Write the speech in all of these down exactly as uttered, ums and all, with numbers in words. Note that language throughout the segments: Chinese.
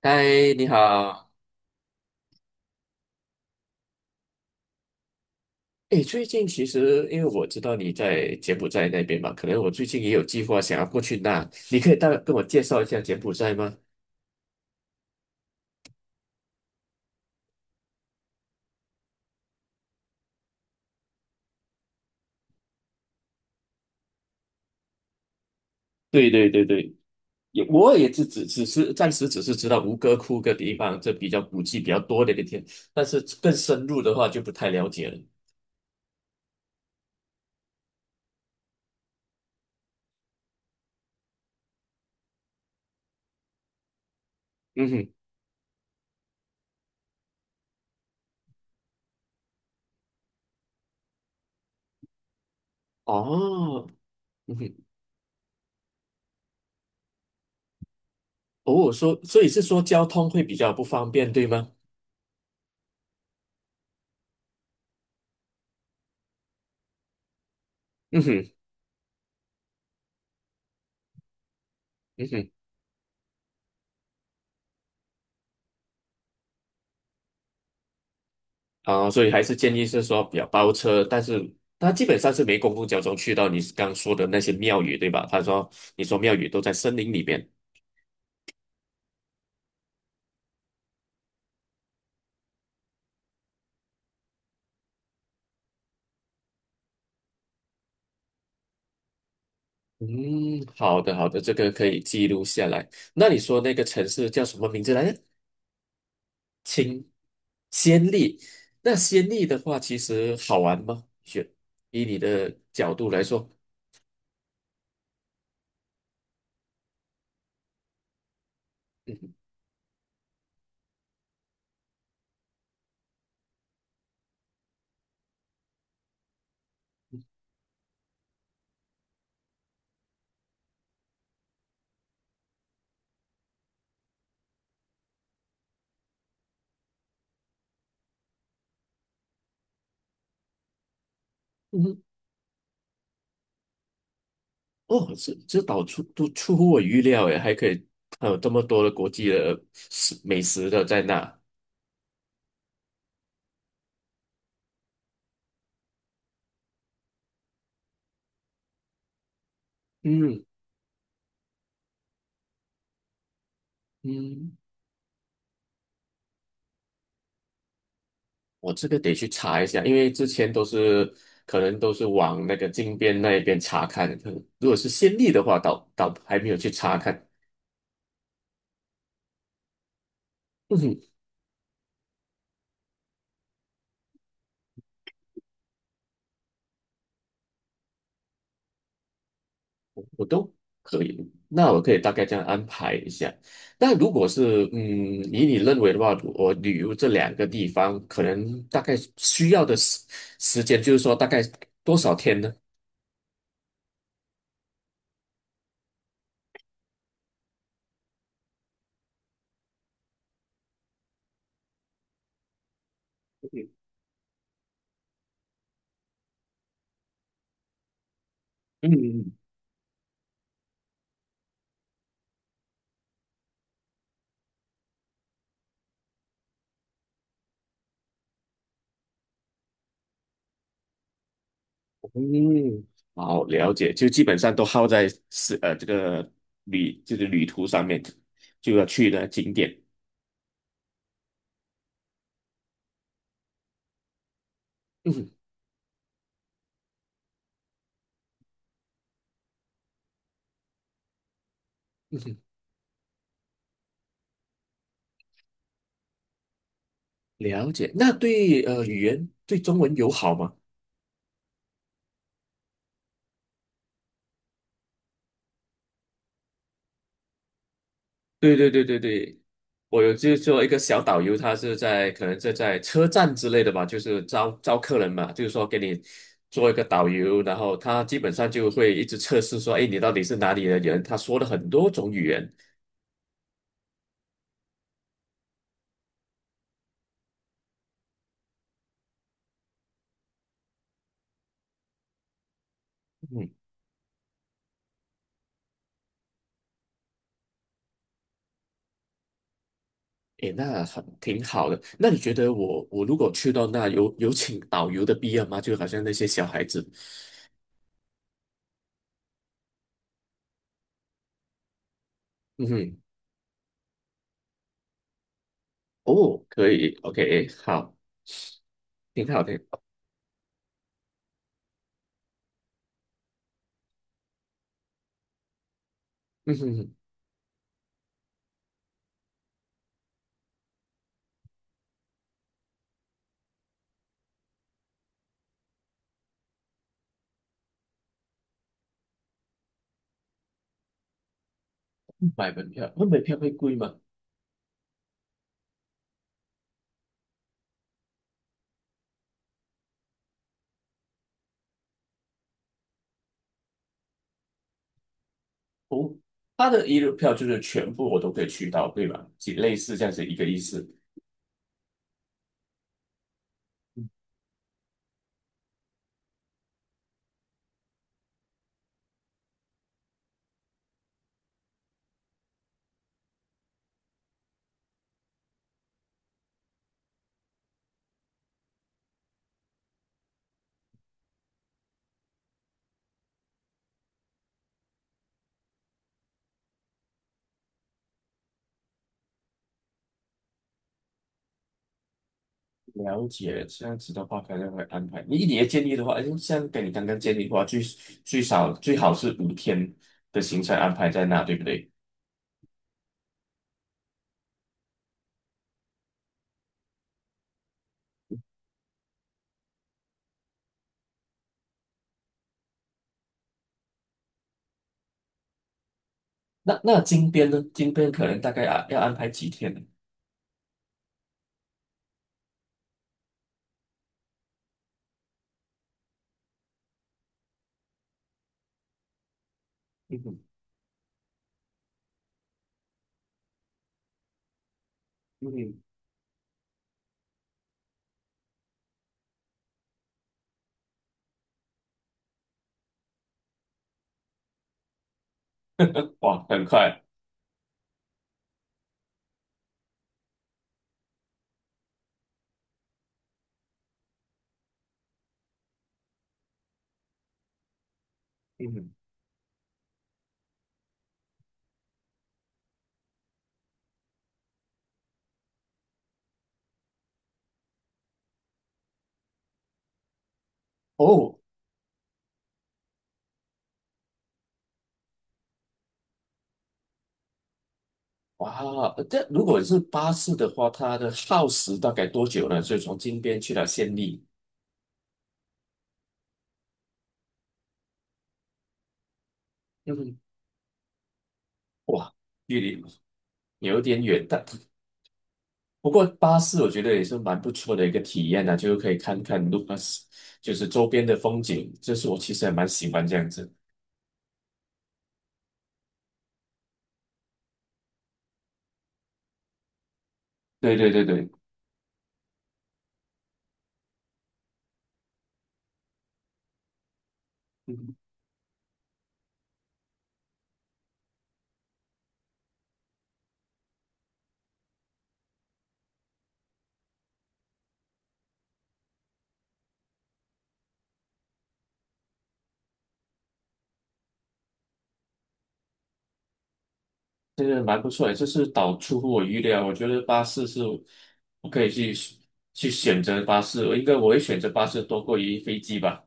嗨，你好。诶，最近其实因为我知道你在柬埔寨那边嘛，可能我最近也有计划想要过去那，你可以大概跟我介绍一下柬埔寨吗？对对对对，也我也只只只是暂时只是知道吴哥窟个地方，这比较古迹比较多的一个地方，但是更深入的话就不太了解了。嗯哼。哦。嗯哼。哦，说，所以是说交通会比较不方便，对吗？嗯哼。嗯哼。啊，所以还是建议是说比较包车，但是它基本上是没公共交通去到你刚说的那些庙宇，对吧？他说你说庙宇都在森林里边。嗯，好的好的，这个可以记录下来。那你说那个城市叫什么名字来着？清暹粒。那暹粒的话，其实好玩吗？选以你的角度来说。嗯。嗯。哦，这这岛出都出乎我预料诶，还可以，还有这么多的国际的食美食的在那。嗯。嗯，我这个得去查一下，因为之前都是可能都是往那个金边那一边查看，可能如果是先例的话，倒倒还没有去查看。嗯，我都可以，那我可以大概这样安排一下。那如果是，嗯，以你认为的话，我旅游这两个地方，可能大概需要的时时间，就是说大概多少天呢？嗯。嗯。嗯，好，了解，就基本上都耗在是呃这个旅就是旅途上面，就要去的景点。嗯。嗯，了解。那对呃语言对中文友好吗？对对对对对，我有就做一个小导游，他是在可能是在车站之类的吧，就是招招客人嘛，就是说给你做一个导游，然后他基本上就会一直测试说，哎，你到底是哪里的人？他说了很多种语言。嗯。诶，那很挺好的。那你觉得我我如果去到那有有请导游的必要吗？就好像那些小孩子。嗯哼。哦，可以，OK，好，挺好的。嗯哼。买门票，那门票会贵吗？哦，他的一日票就是全部我都可以去到，对吧？几类似这样子一个意思。了解，这样子的话可能会安排。你你的建议的话，诶像跟你刚刚建议的话，最最少最好是五天的行程安排在那，对不对？那那金边呢？金边可能大概啊要安排几天呢？嗯哼。嗯哼。哇，很快。嗯哼。哦！哇，呃这如果是巴士的话，它的耗时大概多久呢？所以从金边去到暹粒。嗯哼。哇，距离有点远，但不过巴士我觉得也是蛮不错的一个体验呢、就是可以看看路，就是周边的风景，这是我其实还蛮喜欢这样子。对对对对。嗯。这个蛮不错诶，这是倒出乎我预料。我觉得巴士是我可以去去选择巴士，我应该我会选择巴士多过于飞机吧。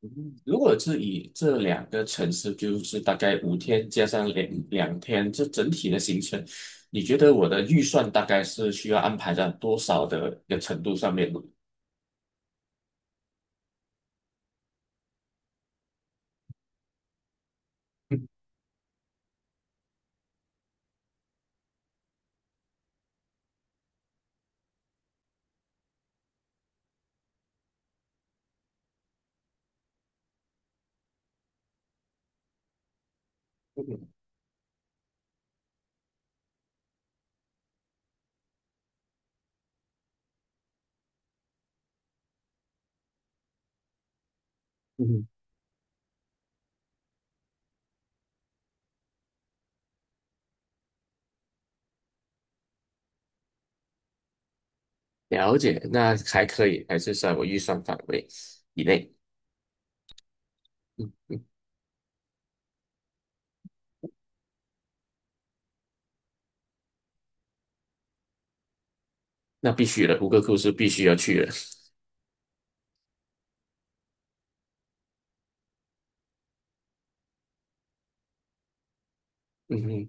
嗯，如果是以这两个城市，就是大概五天加上两两天，这整体的行程，你觉得我的预算大概是需要安排在多少的一个程度上面呢？嗯。嗯，了解，那还可以，还是在我预算范围以内。嗯，那必须的，胡克库是必须要去的。嗯，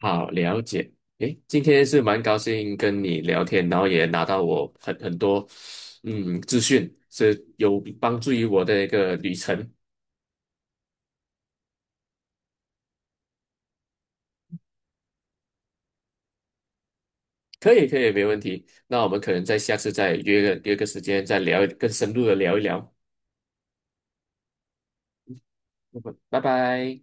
好，了解。诶，今天是蛮高兴跟你聊天，然后也拿到我很很多嗯资讯，是有帮助于我的一个旅程。可以，可以，没问题。那我们可能在下次再约个约个时间再聊，更深入的聊一聊。嗯，拜拜。